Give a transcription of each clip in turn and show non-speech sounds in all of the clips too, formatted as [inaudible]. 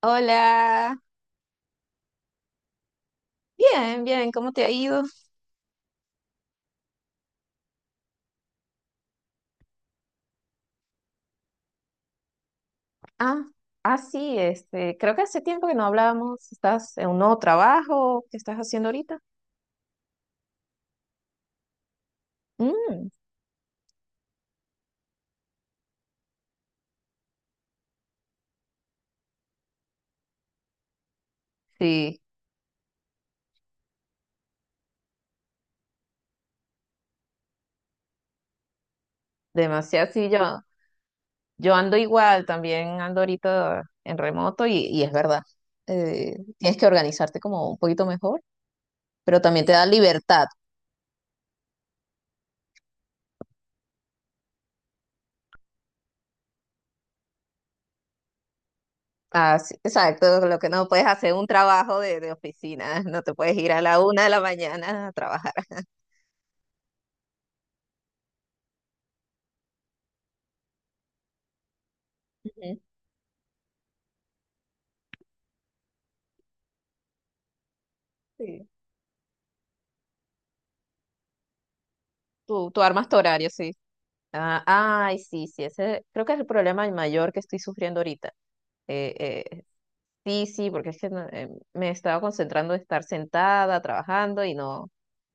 Hola, bien, bien, ¿cómo te ha ido? Ah, ah, sí, este, creo que hace tiempo que no hablábamos. ¿Estás en un nuevo trabajo? ¿Qué estás haciendo ahorita? Mm, sí, demasiado, sí, yo ando igual, también ando ahorita en remoto y es verdad. Tienes que organizarte como un poquito mejor, pero también te da libertad. Ah, sí, exacto, lo que no puedes hacer un trabajo de oficina, [laughs] no te puedes ir a la una de la mañana a trabajar. Ujú. Sí. Tú armas tu horario, sí. Ah, ay, sí, sí, ese creo que es el problema mayor que estoy sufriendo ahorita. Eh, eh, sí, sí, porque es que no, me estaba concentrando en estar sentada, trabajando y no,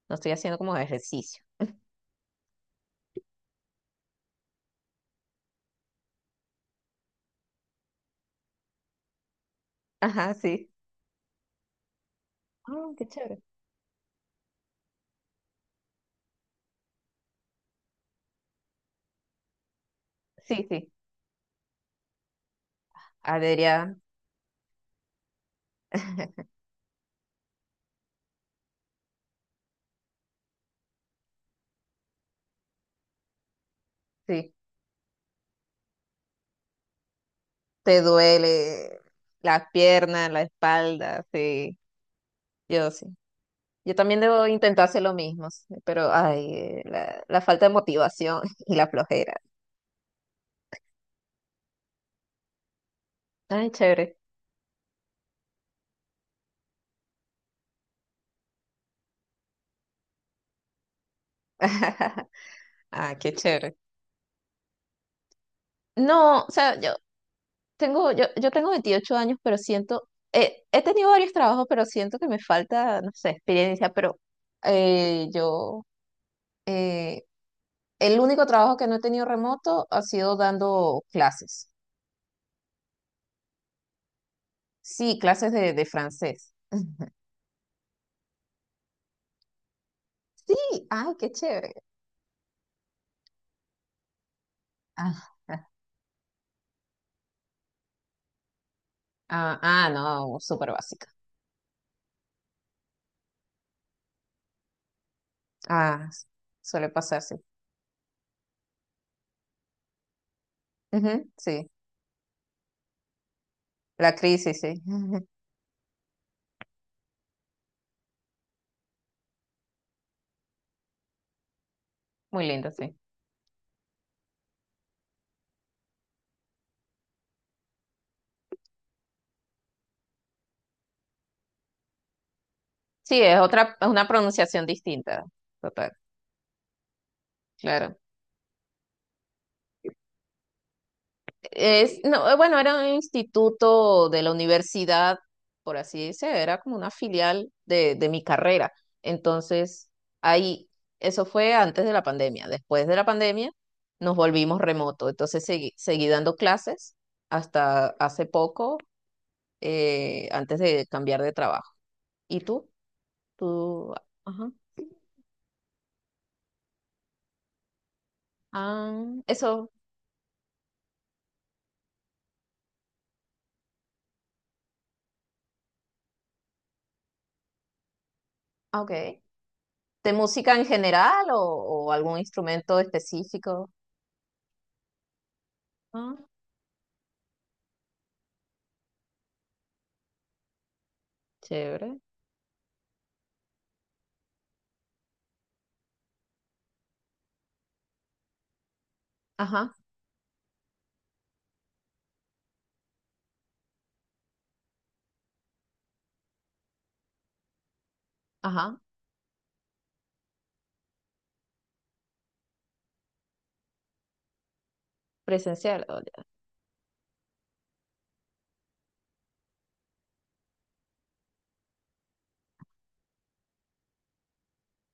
no estoy haciendo como ejercicio. [laughs] Ajá, sí. Ah, qué chévere. Sí, sí. Adrián, [laughs] sí. Te duele las piernas, la espalda, sí. Yo sí. Yo también debo intentar hacer lo mismo, sí, pero ay, la falta de motivación [laughs] y la flojera. Ay, chévere. [laughs] Ah, qué chévere. No, o sea, yo tengo 28 años, pero siento, he tenido varios trabajos, pero siento que me falta, no sé, experiencia, pero eh, yo, eh, el único trabajo que no he tenido remoto ha sido dando clases. Sí, clases de francés. [laughs] Sí, ay, qué chévere. Ah, ah, ah, ah, no, súper básica. Ah, suele pasar, sí. Ujú, sí, la crisis, sí. [laughs] Muy lindo, sí. Sí, es otra, es una pronunciación distinta. Total, claro. No, bueno, era un instituto de la universidad, por así decir, era como una filial de mi carrera. Entonces, ahí, eso fue antes de la pandemia. Después de la pandemia, nos volvimos remoto. Entonces, seguí dando clases hasta hace poco, antes de cambiar de trabajo. ¿Y tú? ¿Tú? Ajá. Ah, eso, ah, ok. ¿De música en general o algún instrumento específico? Ah, chévere. Ajá. Ajá, presencial. O ya.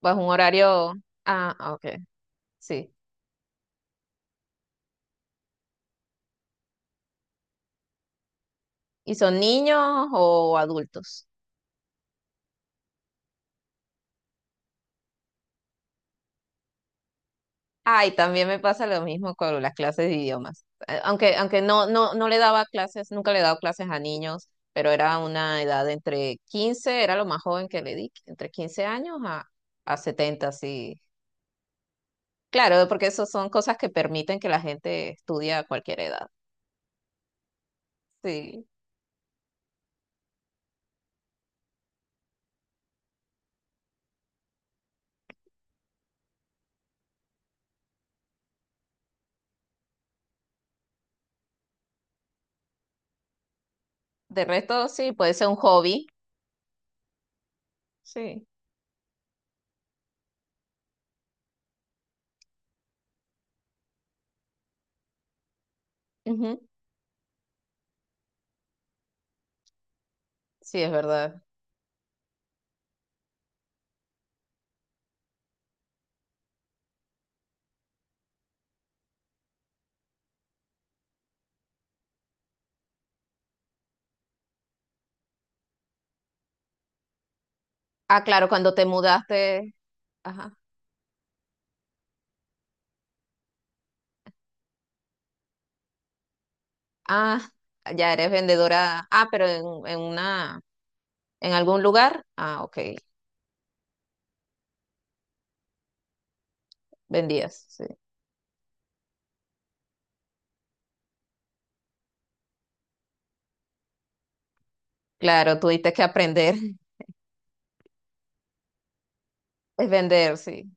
Pues un horario. Ah, ah, ok, sí. ¿Y son niños o adultos? Ay, también me pasa lo mismo con las clases de idiomas. Aunque, no, no, no le daba clases, nunca le he dado clases a niños, pero era una edad de entre 15 era lo más joven que le di, entre 15 años a 70 sí. Claro, porque eso son cosas que permiten que la gente estudie a cualquier edad. Sí. De resto, sí, puede ser un hobby. Sí. Ujú. Sí, es verdad. Ah, claro, cuando te mudaste, ajá. Ah, ya eres vendedora. Ah, pero en una, en algún lugar. Ah, ok, vendías, sí. Claro, tuviste que aprender. [laughs] Es vender, sí.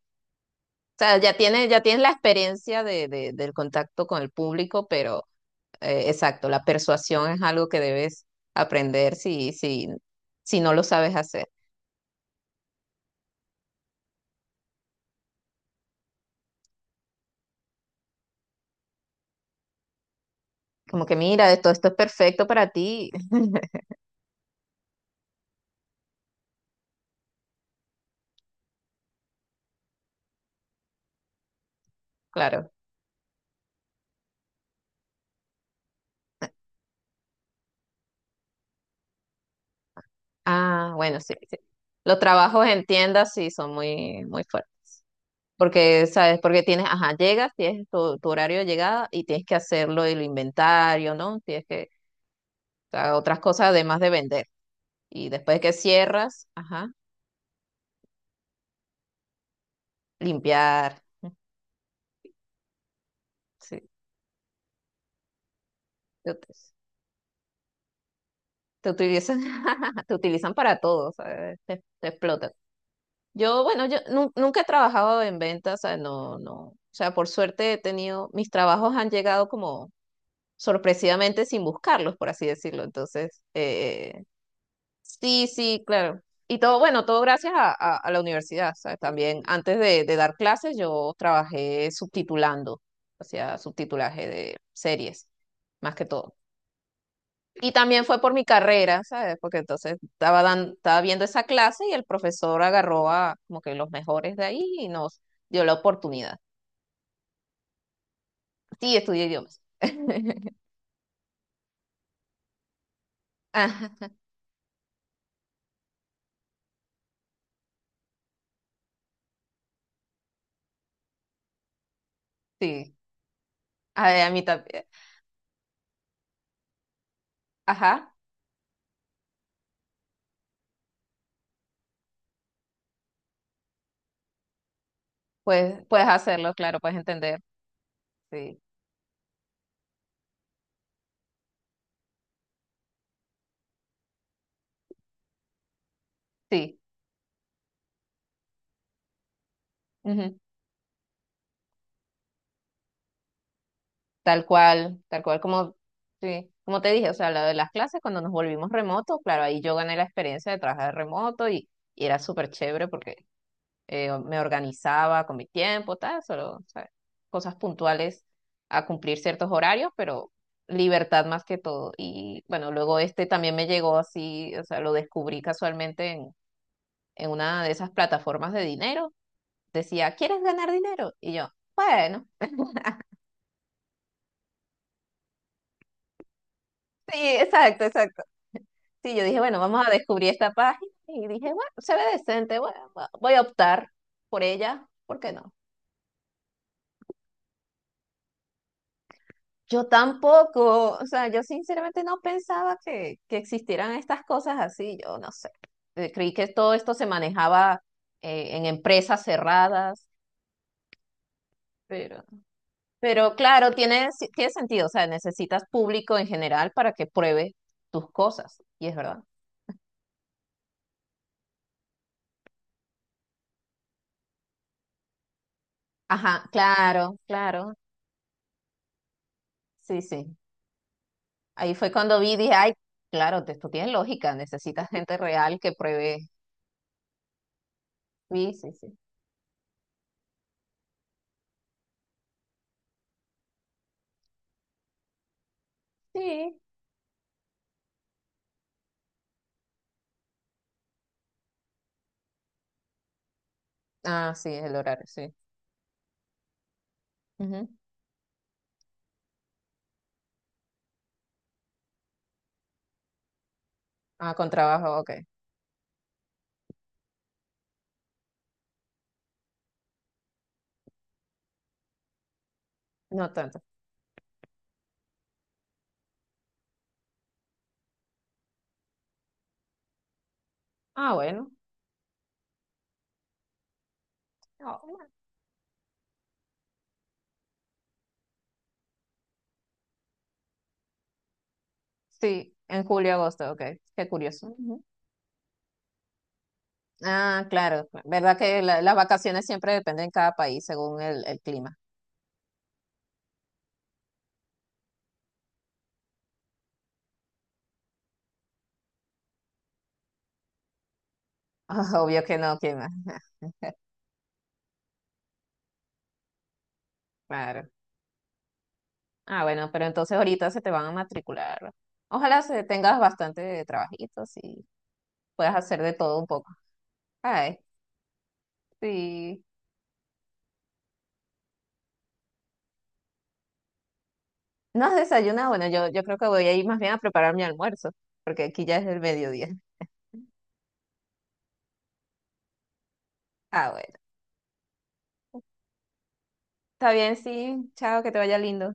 O sea, ya tienes la experiencia del contacto con el público, pero exacto, la persuasión es algo que debes aprender si, si, si no lo sabes hacer. Como que mira, esto es perfecto para ti. [laughs] Claro. Ah, bueno, sí, sí. Los trabajos en tiendas sí son muy, muy fuertes. Porque, ¿sabes? Porque tienes, ajá, llegas, tienes tu horario de llegada y tienes que hacerlo el inventario, ¿no? Tienes que, o sea, otras cosas además de vender. Y después que cierras, ajá, limpiar. Mm, sí, te, ut- te utilizan, [laughs] te utilizan para todo, ¿sabes? Te explotan. Yo, bueno, nunca he trabajado en ventas, o sea, no, no. O sea, por suerte he tenido, mis trabajos han llegado como sorpresivamente sin buscarlos, por así decirlo. Entonces, sí, sí, claro. Y todo, bueno, todo gracias a, a la universidad, ¿sabes? También antes de dar clases yo trabajé subtitulando, hacía subtitulaje de series, más que todo. Y también fue por mi carrera, ¿sabes? Porque entonces estaba, estaba viendo esa clase y el profesor agarró a como que los mejores de ahí y nos dio la oportunidad. Sí, estudié idiomas. [laughs] Ajá, sí, a mí también. Ajá. Pues, puedes hacerlo, claro, puedes entender. Sí, sí, ujú. Tal cual como, sí, como te dije, o sea, lo de las clases cuando nos volvimos remoto, claro, ahí yo gané la experiencia de trabajar remoto y era súper chévere porque me organizaba con mi tiempo, tal, solo, o sea, cosas puntuales a cumplir ciertos horarios, pero libertad más que todo. Y bueno, luego este también me llegó así, o sea, lo descubrí casualmente en, una de esas plataformas de dinero decía, ¿quieres ganar dinero? Y yo, bueno, sí, exacto, exacto. Sí, yo dije, bueno, vamos a descubrir esta página y dije, bueno, se ve decente, bueno, voy a optar por ella, ¿por qué no? Yo tampoco, o sea, yo sinceramente no pensaba que existieran estas cosas así, yo no sé. Creí que todo esto se manejaba en empresas cerradas, pero... pero claro, tiene, tiene sentido, o sea, necesitas público en general para que pruebe tus cosas, y es verdad. Ajá, claro, claro, sí, sí. Ahí fue cuando vi, dije, ay, claro, esto tiene lógica, necesitas [laughs] gente real que pruebe. Sí, sí, sí. Sí. Ah, sí, es el horario, sí. Ujú. Ah, con trabajo, ok. No tanto. Ah, bueno. Ah, bueno. Sí, en julio, agosto, ok. Qué curioso. Ujú. Ah, claro, verdad que las vacaciones siempre dependen de cada país según el clima. [laughs] Obvio que no, clima. [laughs] Claro. Ah, bueno, pero entonces ahorita se te van a matricular. Ojalá se tengas bastante trabajitos y puedas hacer de todo un poco. Ay, sí. ¿No has desayunado? Bueno, yo creo que voy a ir más bien a preparar mi almuerzo, porque aquí ya es el mediodía. Ah, bueno. Está bien, sí. Chao, que te vaya lindo.